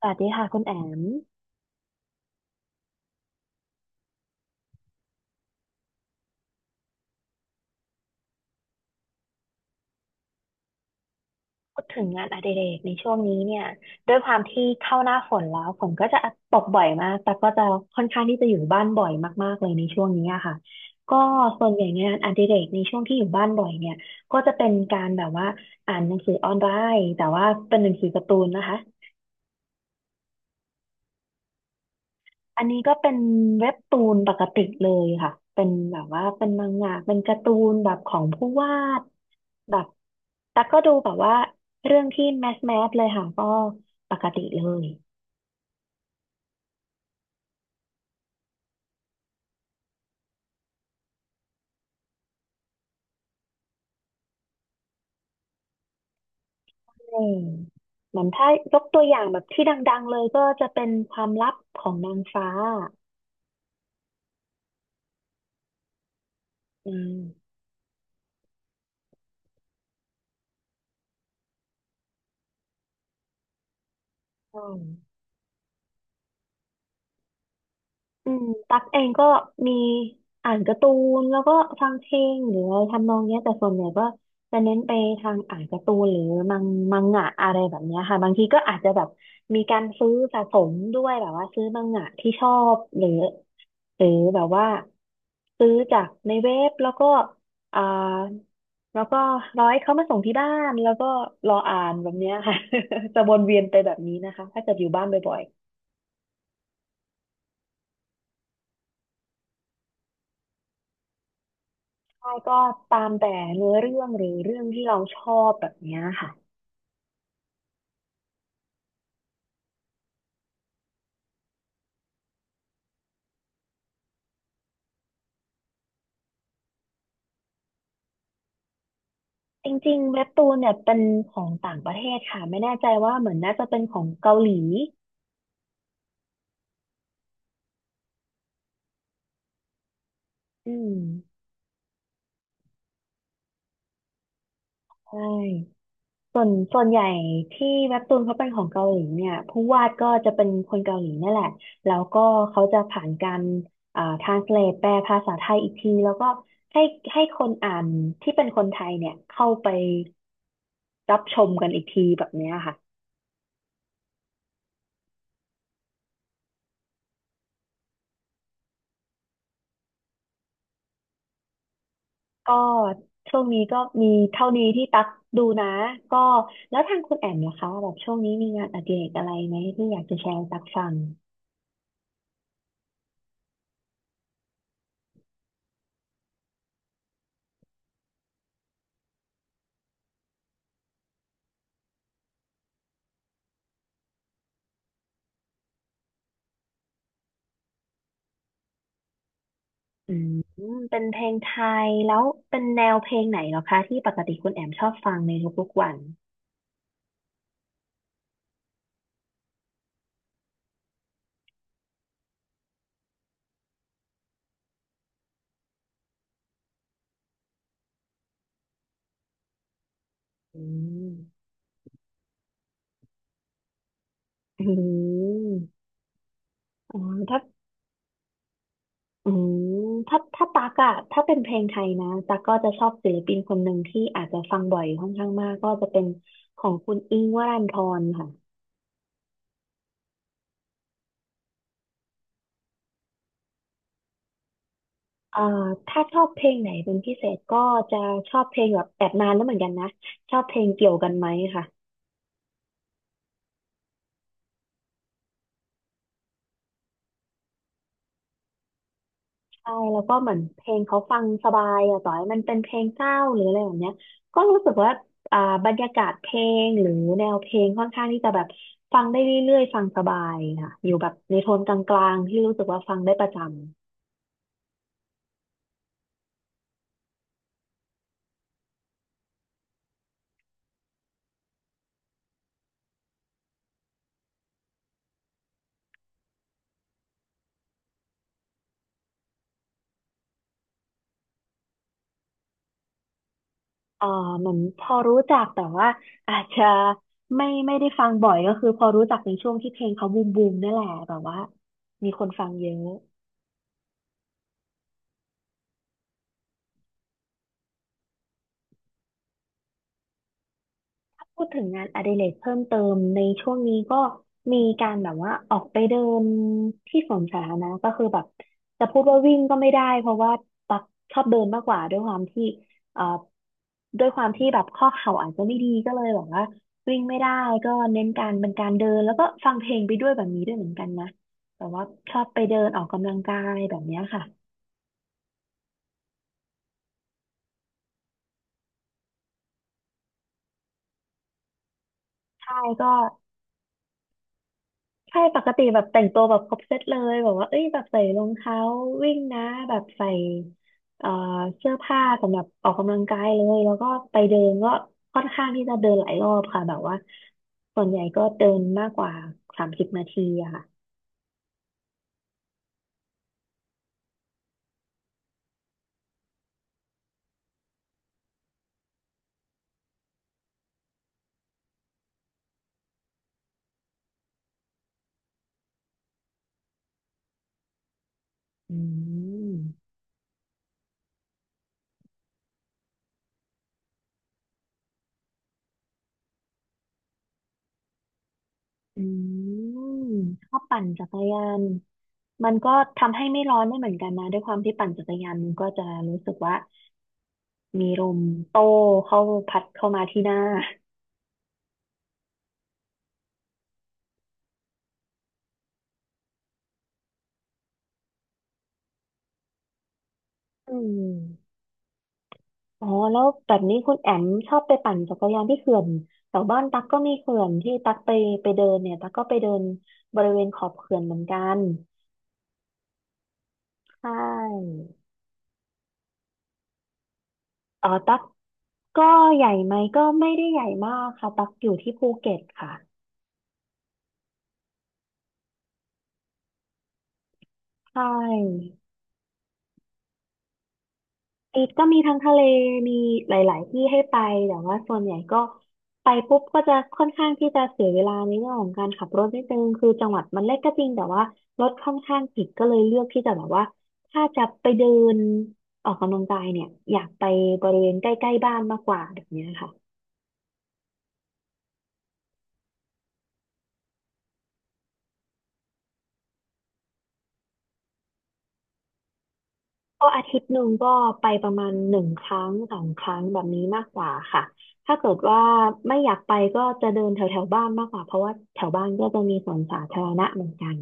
สวัสดีค่ะคุณแอมพูดถึงงานอดิเรกในช่วงนี้เนี่ยด้วยความที่เข้าหน้าฝนแล้วฝนก็จะตกบ่อยมากแต่ก็จะค่อนข้างที่จะอยู่บ้านบ่อยมากๆเลยในช่วงนี้อะค่ะก็ส่วนใหญ่งานอดิเรกในช่วงที่อยู่บ้านบ่อยเนี่ยก็จะเป็นการแบบว่าอ่านหนังสือออนไลน์แต่ว่าเป็นหนังสือการ์ตูนนะคะ อันนี้ก็เป็นเว็บตูนปกติเลยค่ะ เป็นแบบว่าเป็นมังงะเป็นการ์ตูนแบบของผู้วาดแบบแต่ก็ดูแบบว่าเรื่องที่แมสแมสเลยค่ะก็ปกติเลยอืมเหมือนถ้ายกตัวอย่างแบบที่ดังๆเลยก็จะเป็นความลับของนางฟ้าอืมใช่ อืมตักเองก็มีอ่านการ์ตูนแล้วก็ฟังเพลงหรืออะไรทำนองเนี้ยแต่ส่วนใหญ่ก็จะเน้นไปทางอ่านการ์ตูนหรือมังมังงะอะไรแบบเนี้ยค่ะบางทีก็อาจจะแบบมีการซื้อสะสมด้วยแบบว่าซื้อมังงะที่ชอบหรือแบบว่าซื้อจากในเว็บแล้วก็อ่าแล้วก็ร้อยเขามาส่งที่บ้านแล้วก็รออ่านแบบเนี้ยค่ะ จะวนเวียนไปแบบนี้นะคะถ้าเกิดอยู่บ้านบ่อย ใช่ก็ตามแต่เนื้อเรื่องหรือเรื่องที่เราชอบแบบเนี้ยค่ะจริงๆเว็บตูนเนี่ยเป็นของต่างประเทศค่ะไม่แน่ใจว่าเหมือนน่าจะเป็นของเกาหลีอืมใช่ส่วนส่วนใหญ่ที่เว็บตูนเขาเป็นของเกาหลีเนี่ยผู้วาดก็จะเป็นคนเกาหลีนั่นแหละแล้วก็เขาจะผ่านการtranslate แปลภาษาไทยอีกทีแล้วก็ให้ให้คนอ่านที่เป็นคนไทยเนี่ยเข้าไปรับชมกันอีกทีแบบเนี้ยค่ะ ก็ช่วงนี้ก็มีเท่านี้ที่ตักดูนะก็แล้วทางคุณแอมล่ะคะแบบช่วงนี้มีงานอดิเรกอะไรไหมที่อยากจะแชร์ให้ตักฟังอืมเป็นเพลงไทยแล้วเป็นแนวเพลงไหนเหรอคะที่ปกติคุณแอมชอบฟังในทุกๆวันอืมอืมอ๋อถ้าอืมถ้าตักอะถ้าเป็นเพลงไทยนะตักก็จะชอบศิลปินคนหนึ่งที่อาจจะฟังบ่อยค่อนข้างมากก็จะเป็นของคุณอิ้งค์วรันธรค่ะ เอ่อถ้าชอบเพลงไหนเป็นพิเศษก็จะชอบเพลงแบบแอบนานแล้วเหมือนกันนะชอบเพลงเกี่ยวกันไหมค่ะใช่แล้วก็เหมือนเพลงเขาฟังสบายอะต่อให้มันเป็นเพลงเศร้าหรืออะไรแบบเนี้ยก็รู้สึกว่าอ่าบรรยากาศเพลงหรือแนวเพลงค่อนข้างที่จะแบบฟังได้เรื่อยๆฟังสบายค่ะอยู่แบบในโทนกลางๆที่รู้สึกว่าฟังได้ประจำ เอ่อเหมือนพอรู้จักแต่ว่าอาจจะไม่ได้ฟังบ่อยก็คือพอรู้จักในช่วงที่เพลงเขาบูมบูมนั่นแหละแบบว่ามีคนฟังเยอะ พูดถึงงานอดิเรกเพิ่มเติมในช่วงนี้ก็มีการแบบว่าออกไปเดินที่สวนสาธารณะก็คือแบบจะพูดว่าวิ่งก็ไม่ได้เพราะว่าตักชอบเดินมากกว่าด้วยความที่เอ่อด้วยความที่แบบข้อเข่าอาจจะไม่ดีก็เลยแบบว่าวิ่งไม่ได้ก็เน้นการเป็นการเดินแล้วก็ฟังเพลงไปด้วยแบบนี้ด้วยเหมือนกันนะแต่ว่าชอบไปเดินออกกำลังกายแบบเนี้ยค่ะใช่ก็ ใช่ปกติแบบแต่งตัวแบบครบเซตเลยแบบว่าเอ้ยแบบใส่รองเท้าวิ่งนะแบบใส่เอ่อเสื้อผ้าสำหรับออกกำลังกายเลยแล้วก็ไปเดินก็ค่อนข้างที่จะเดินหลายรอบค่ะแบบว่าส่วนใหญ่ก็เดินมากกว่า30 นาทีอะค่ะอืมอืมชอบปั่นจักรยานมันก็ทำให้ไม่ร้อนไม่เหมือนกันนะด้วยความที่ปั่นจักรยานมันก็จะรู้สึกว่ามีลมโต้เข้าพัดเข้ามาที่หน้าอืม อ๋อแล้วแบบนี้คุณแอมชอบไปปั่นจักรยานที่เขื่อนแถวบ้านตั๊กก็มีเขื่อนที่ตั๊กไปเดินเนี่ยตั๊กก็ไปเดินบริเวณขอบเขื่อนเหมือนกันใช่อ๋อตั๊กก็ใหญ่ไหมก็ไม่ได้ใหญ่มากค่ะตั๊กอยู่ที่ภูเก็ตค่ะใช่ อีกก็มีทั้งทะเลมีหลายๆที่ให้ไปแต่ว่าส่วนใหญ่ก็ไปปุ๊บก็จะค่อนข้างที่จะเสียเวลาในเรื่องของการขับรถนิดนึงคือจังหวัดมันเล็กก็จริงแต่ว่ารถค่อนข้างติดก็เลยเลือกที่จะแบบว่าถ้าจะไปเดินออกกำลังกายเนี่ยอยากไปบริเวณใกล้ๆบ้านมากกว่าแบบเนี้ยค่ะก็อาทิตย์หนึ่งก็ไปประมาณหนึ่งครั้งสองครั้งแบบนี้มากกว่าค่ะถ้าเกิดว่าไม่อยากไปก็จะเดินแถวๆบ้านมากกว่าเพราะว่าแถวบ้านก็จะมีสวนสาธารณะเหมือนกัน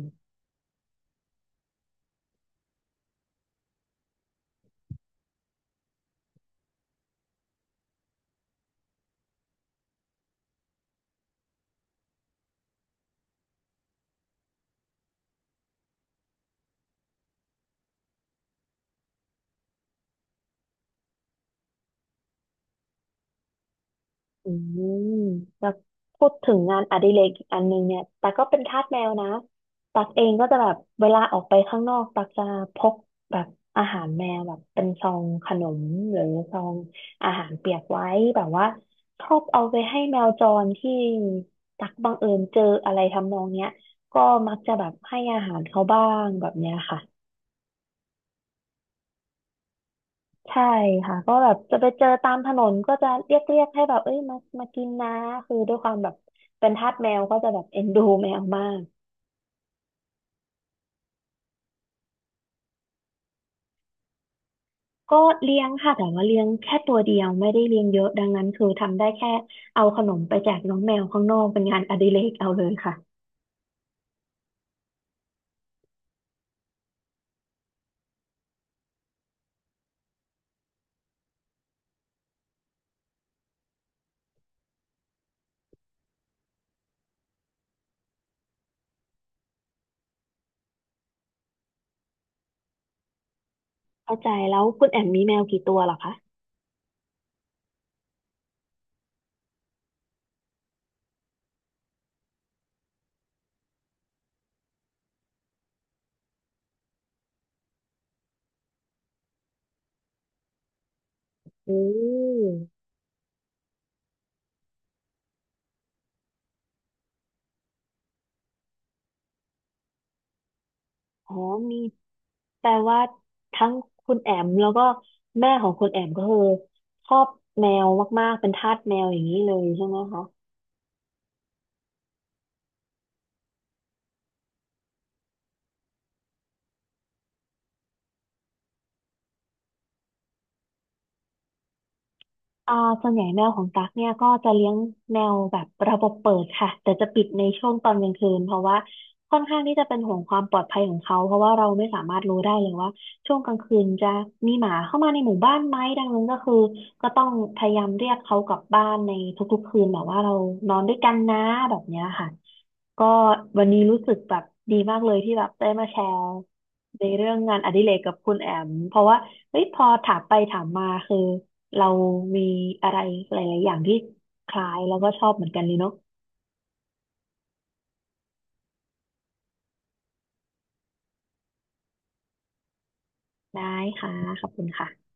อืมแล้วพูดถึงงานอดิเรกอีกอันนึงเนี่ยตักก็เป็นทาสแมวนะตักเองก็จะแบบเวลาออกไปข้างนอกตักจะพกแบบอาหารแมวแบบเป็นซองขนมหรือซองอาหารเปียกไว้แบบว่าชอบเอาไปให้แมวจรที่ตักบังเอิญเจออะไรทำนองเนี้ยก็มักจะแบบให้อาหารเขาบ้างแบบเนี้ยค่ะ ใช่ค่ะก็แบบจะไปเจอตามถนนก็จะเรียกให้แบบเอ้ยมามากินนะคือด้วยความแบบเป็นทาสแมวก็จะแบบเอ็นดูแมวมากก็เลี้ยงค่ะแต่ว่าเลี้ยงแค่ตัวเดียวไม่ได้เลี้ยงเยอะดังนั้นคือทำได้แค่เอาขนมไปแจกน้องแมวข้างนอกเป็นงานอดิเรกเอาเลยค่ะเข้าใจแล้วคุณแอมมีแมวกี่ตัวเหรอคะอืมอ๋อมีแปลว่าทั้งคุณแอมแล้วก็แม่ของคุณแอมก็คือชอบแมวมากๆเป็นทาสแมวอย่างนี้เลยใช่ไหมคะ อ่าส่วนใหญ่แมวของตั๊กเนี่ยก็จะเลี้ยงแมวแบบระบบเปิดค่ะแต่จะปิดในช่วงตอนกลางคืนเพราะว่าค่อนข้างที่จะเป็นห่วงความปลอดภัยของเขาเพราะว่าเราไม่สามารถรู้ได้เลยว่าช่วงกลางคืนจะมีหมาเข้ามาในหมู่บ้านไหมดังนั้นก็คือก็ต้องพยายามเรียกเขากลับบ้านในทุกๆคืนแบบว่าเรานอนด้วยกันนะแบบเนี้ยค่ะ ก็วันนี้รู้สึกแบบดีมากเลยที่แบบได้มาแชร์ในเรื่องงานอดิเรกกับคุณแอมเพราะว่าเฮ้ยพอถามไปถามมาคือเรามีอะไรหลายๆอย่างที่คล้ายแล้วก็ชอบเหมือนกันเลยเนาะได้ค่ะขอบคุณค่ะ